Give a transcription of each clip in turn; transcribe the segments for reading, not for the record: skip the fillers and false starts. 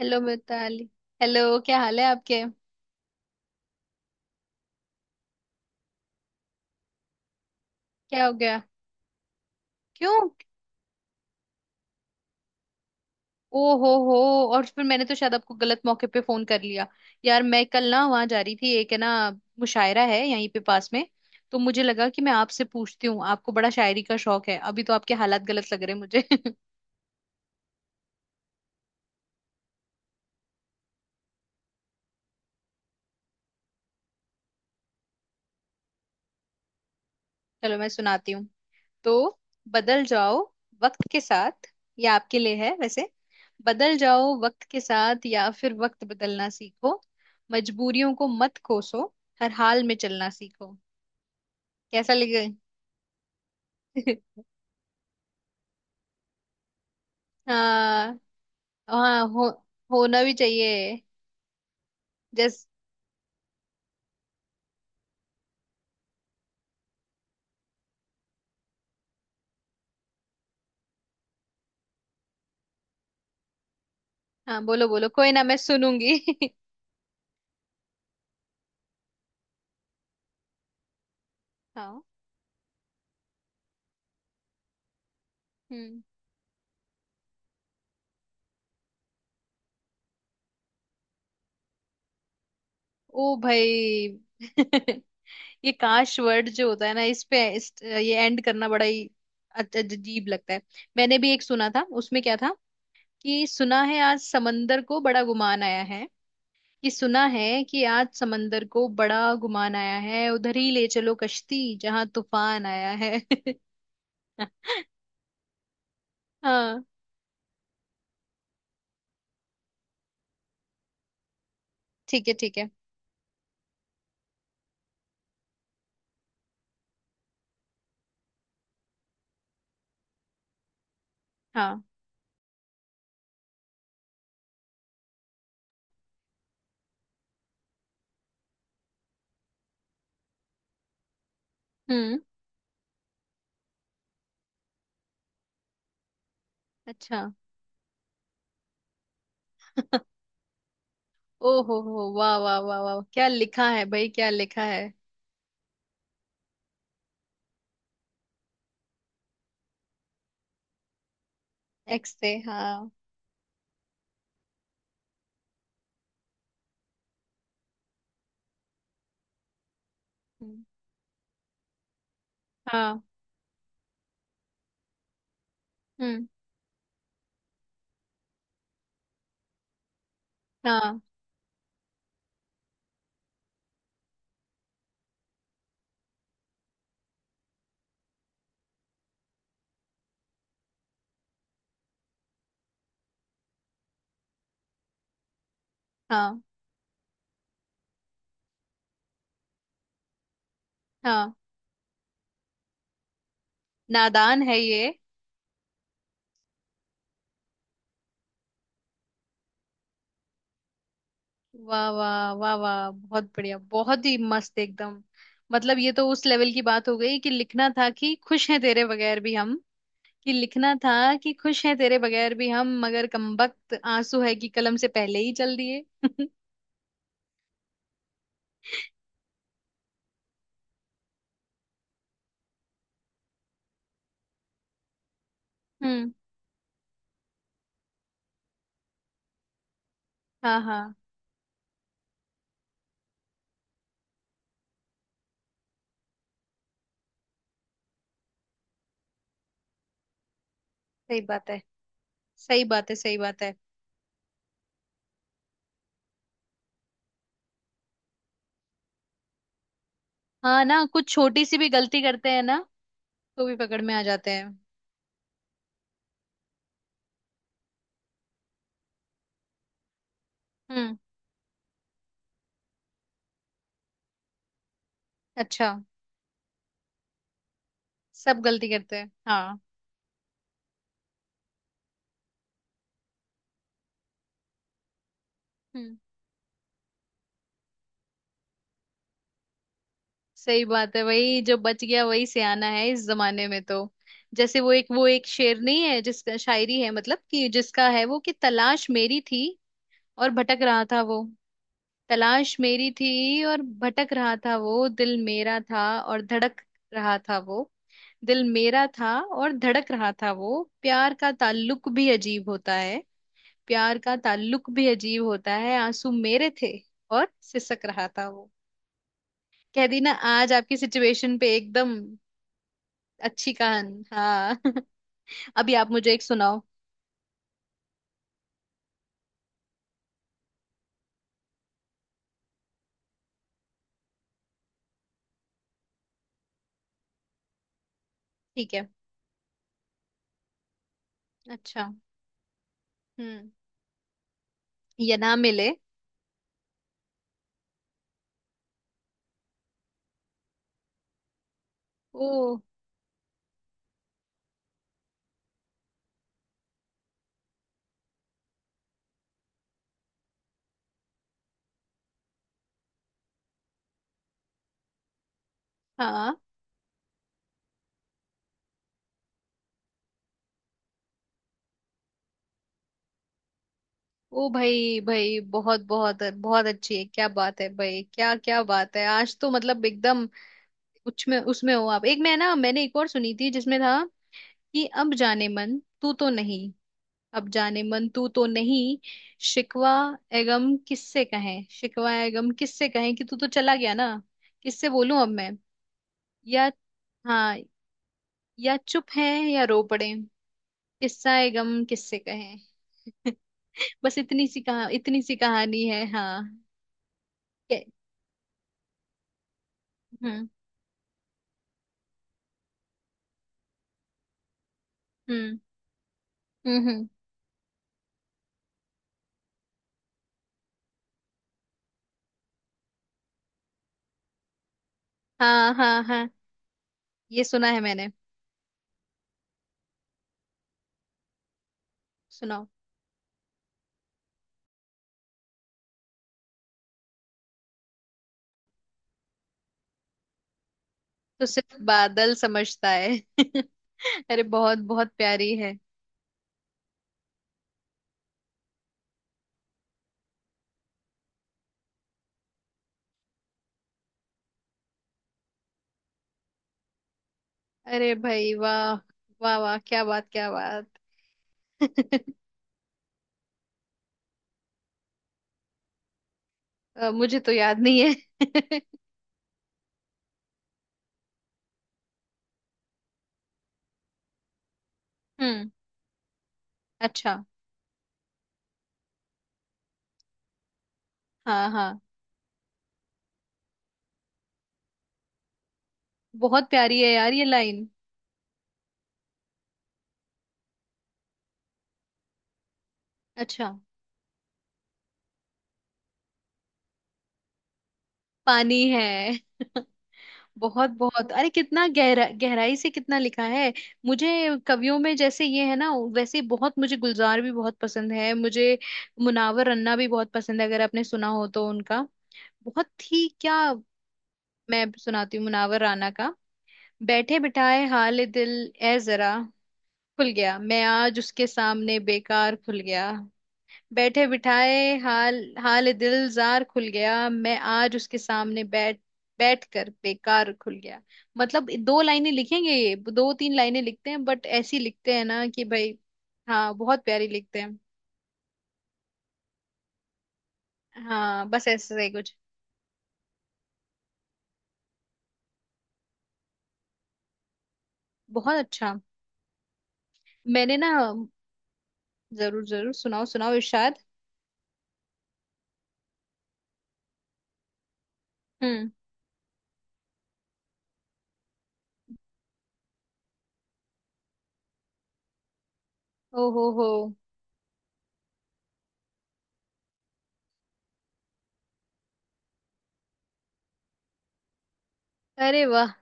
Hello Mitali. Hello. क्या हाल है आपके? क्या हो गया? क्यों? ओ हो हो। और फिर मैंने तो शायद आपको गलत मौके पे फोन कर लिया। यार मैं कल ना वहां जा रही थी, एक है ना, मुशायरा है यहीं पे पास में। तो मुझे लगा कि मैं आपसे पूछती हूँ, आपको बड़ा शायरी का शौक है। अभी तो आपके हालात गलत लग रहे हैं मुझे। चलो मैं सुनाती हूँ। तो बदल जाओ वक्त के साथ। ये आपके लिए है वैसे। बदल जाओ वक्त के साथ या फिर वक्त बदलना सीखो। मजबूरियों को मत कोसो। हर हाल में चलना सीखो। कैसा लगे? हाँ हाँ, होना भी चाहिए। जस हाँ, बोलो बोलो, कोई ना, मैं सुनूंगी। हाँ। हम्म। ओ भाई। ये काश वर्ड जो होता है ना, इस पे ये एंड करना बड़ा ही अजीब लगता है। मैंने भी एक सुना था, उसमें क्या था कि सुना है आज समंदर को बड़ा गुमान आया है, कि सुना है कि आज समंदर को बड़ा गुमान आया है, उधर ही ले चलो कश्ती जहां तूफान आया है। हाँ। ठीक है ठीक है। हाँ। हम्म। अच्छा। ओ हो, वाह वाह वाह वाह, क्या लिखा है भाई, क्या लिखा है। एक्स से, हाँ। हम्म, हाँ। हम्म। हाँ हाँ। हाँ, नादान है ये। वाह वाह वाह वाह, बहुत बढ़िया, बहुत ही मस्त एकदम। मतलब ये तो उस लेवल की बात हो गई कि लिखना था कि खुश हैं तेरे बगैर भी हम, कि लिखना था कि खुश हैं तेरे बगैर भी हम मगर कमबख्त आंसू है कि कलम से पहले ही चल दिए। हम्म। हाँ हाँ। सही बात है। सही बात है, सही बात है। हाँ ना, कुछ छोटी सी भी गलती करते हैं ना तो भी पकड़ में आ जाते हैं। हम्म। अच्छा। सब गलती करते हैं हाँ। हम्म। सही बात है, वही जो बच गया वही सियाना है इस जमाने में तो। जैसे वो एक, वो एक शेर नहीं है जिसका शायरी है, मतलब कि जिसका है वो, कि तलाश मेरी थी और भटक रहा था वो, तलाश मेरी थी और भटक रहा था वो, दिल मेरा था और धड़क रहा था वो, दिल मेरा था और धड़क रहा था वो, प्यार का ताल्लुक भी अजीब होता है, प्यार का ताल्लुक भी अजीब होता है, आंसू मेरे थे और सिसक रहा था। कह दी ना आज आपकी सिचुएशन पे एकदम, अच्छी कहानी हाँ। अभी आप मुझे एक सुनाओ। ठीक है। अच्छा। हम्म। ये ना मिले। ओ। हाँ। ओ भाई भाई, बहुत बहुत बहुत अच्छी है, क्या बात है भाई, क्या क्या बात है, आज तो मतलब एकदम। उसमें उसमें हो आप एक, मैं ना मैंने एक और सुनी थी जिसमें था कि अब जाने मन तू तो नहीं, अब जाने मन तू तो नहीं, शिकवा ए गम किससे कहें, शिकवा ए गम किससे कहें, कि तू तो चला गया ना, किससे बोलूं अब मैं या, हाँ, या चुप है या रो पड़े, किस्सा ए गम किससे कहें। बस इतनी सी कहा इतनी सी कहानी है हाँ। के- हम्म। हम्म। हम्म हम्म, हाँ हाँ हाँ। ये सुना है मैंने। सुनाओ। तो सिर्फ बादल समझता है। अरे बहुत बहुत प्यारी है। अरे भाई वाह, वाह वाह, क्या बात क्या बात। मुझे तो याद नहीं है। हम्म। अच्छा। हाँ हाँ। बहुत प्यारी है यार ये लाइन। अच्छा। पानी है। बहुत बहुत, अरे कितना गहरा, गहराई से कितना लिखा है मुझे। कवियों में जैसे ये है ना, वैसे बहुत, मुझे गुलजार भी बहुत पसंद है, मुझे मुनावर रन्ना भी बहुत पसंद है अगर आपने सुना हो तो उनका। बहुत ही क्या। मैं सुनाती हूँ मुनावर राना का। बैठे बिठाए हाल दिल ए जरा खुल गया, मैं आज उसके सामने बेकार खुल गया। बैठे बिठाए हाल, हाल दिलजार खुल गया, मैं आज उसके सामने बैठ बैठ कर बेकार खुल गया। मतलब दो लाइनें लिखेंगे, ये दो तीन लाइनें लिखते हैं बट ऐसी लिखते हैं ना कि भाई। हाँ बहुत प्यारी लिखते हैं। हाँ बस ऐसा ही कुछ। बहुत अच्छा। मैंने ना, जरूर जरूर सुनाओ सुनाओ इरशाद। हम्म। ओ हो हो। अरे वाह।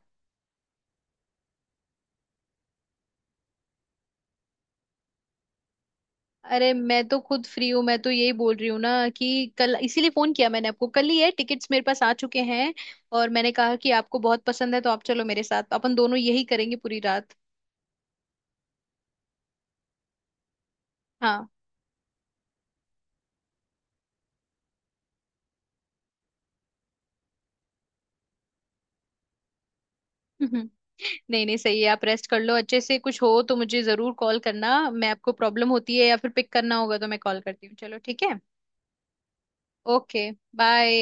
अरे मैं तो खुद फ्री हूँ, मैं तो यही बोल रही हूँ ना कि कल इसीलिए फोन किया मैंने आपको, कल ही है, टिकट्स मेरे पास आ चुके हैं। और मैंने कहा कि आपको बहुत पसंद है तो आप चलो मेरे साथ, अपन दोनों यही करेंगे पूरी रात। हाँ। नहीं नहीं सही है, आप रेस्ट कर लो अच्छे से, कुछ हो तो मुझे जरूर कॉल करना, मैं आपको प्रॉब्लम होती है या फिर पिक करना होगा तो मैं कॉल करती हूँ, चलो ठीक है। Okay bye.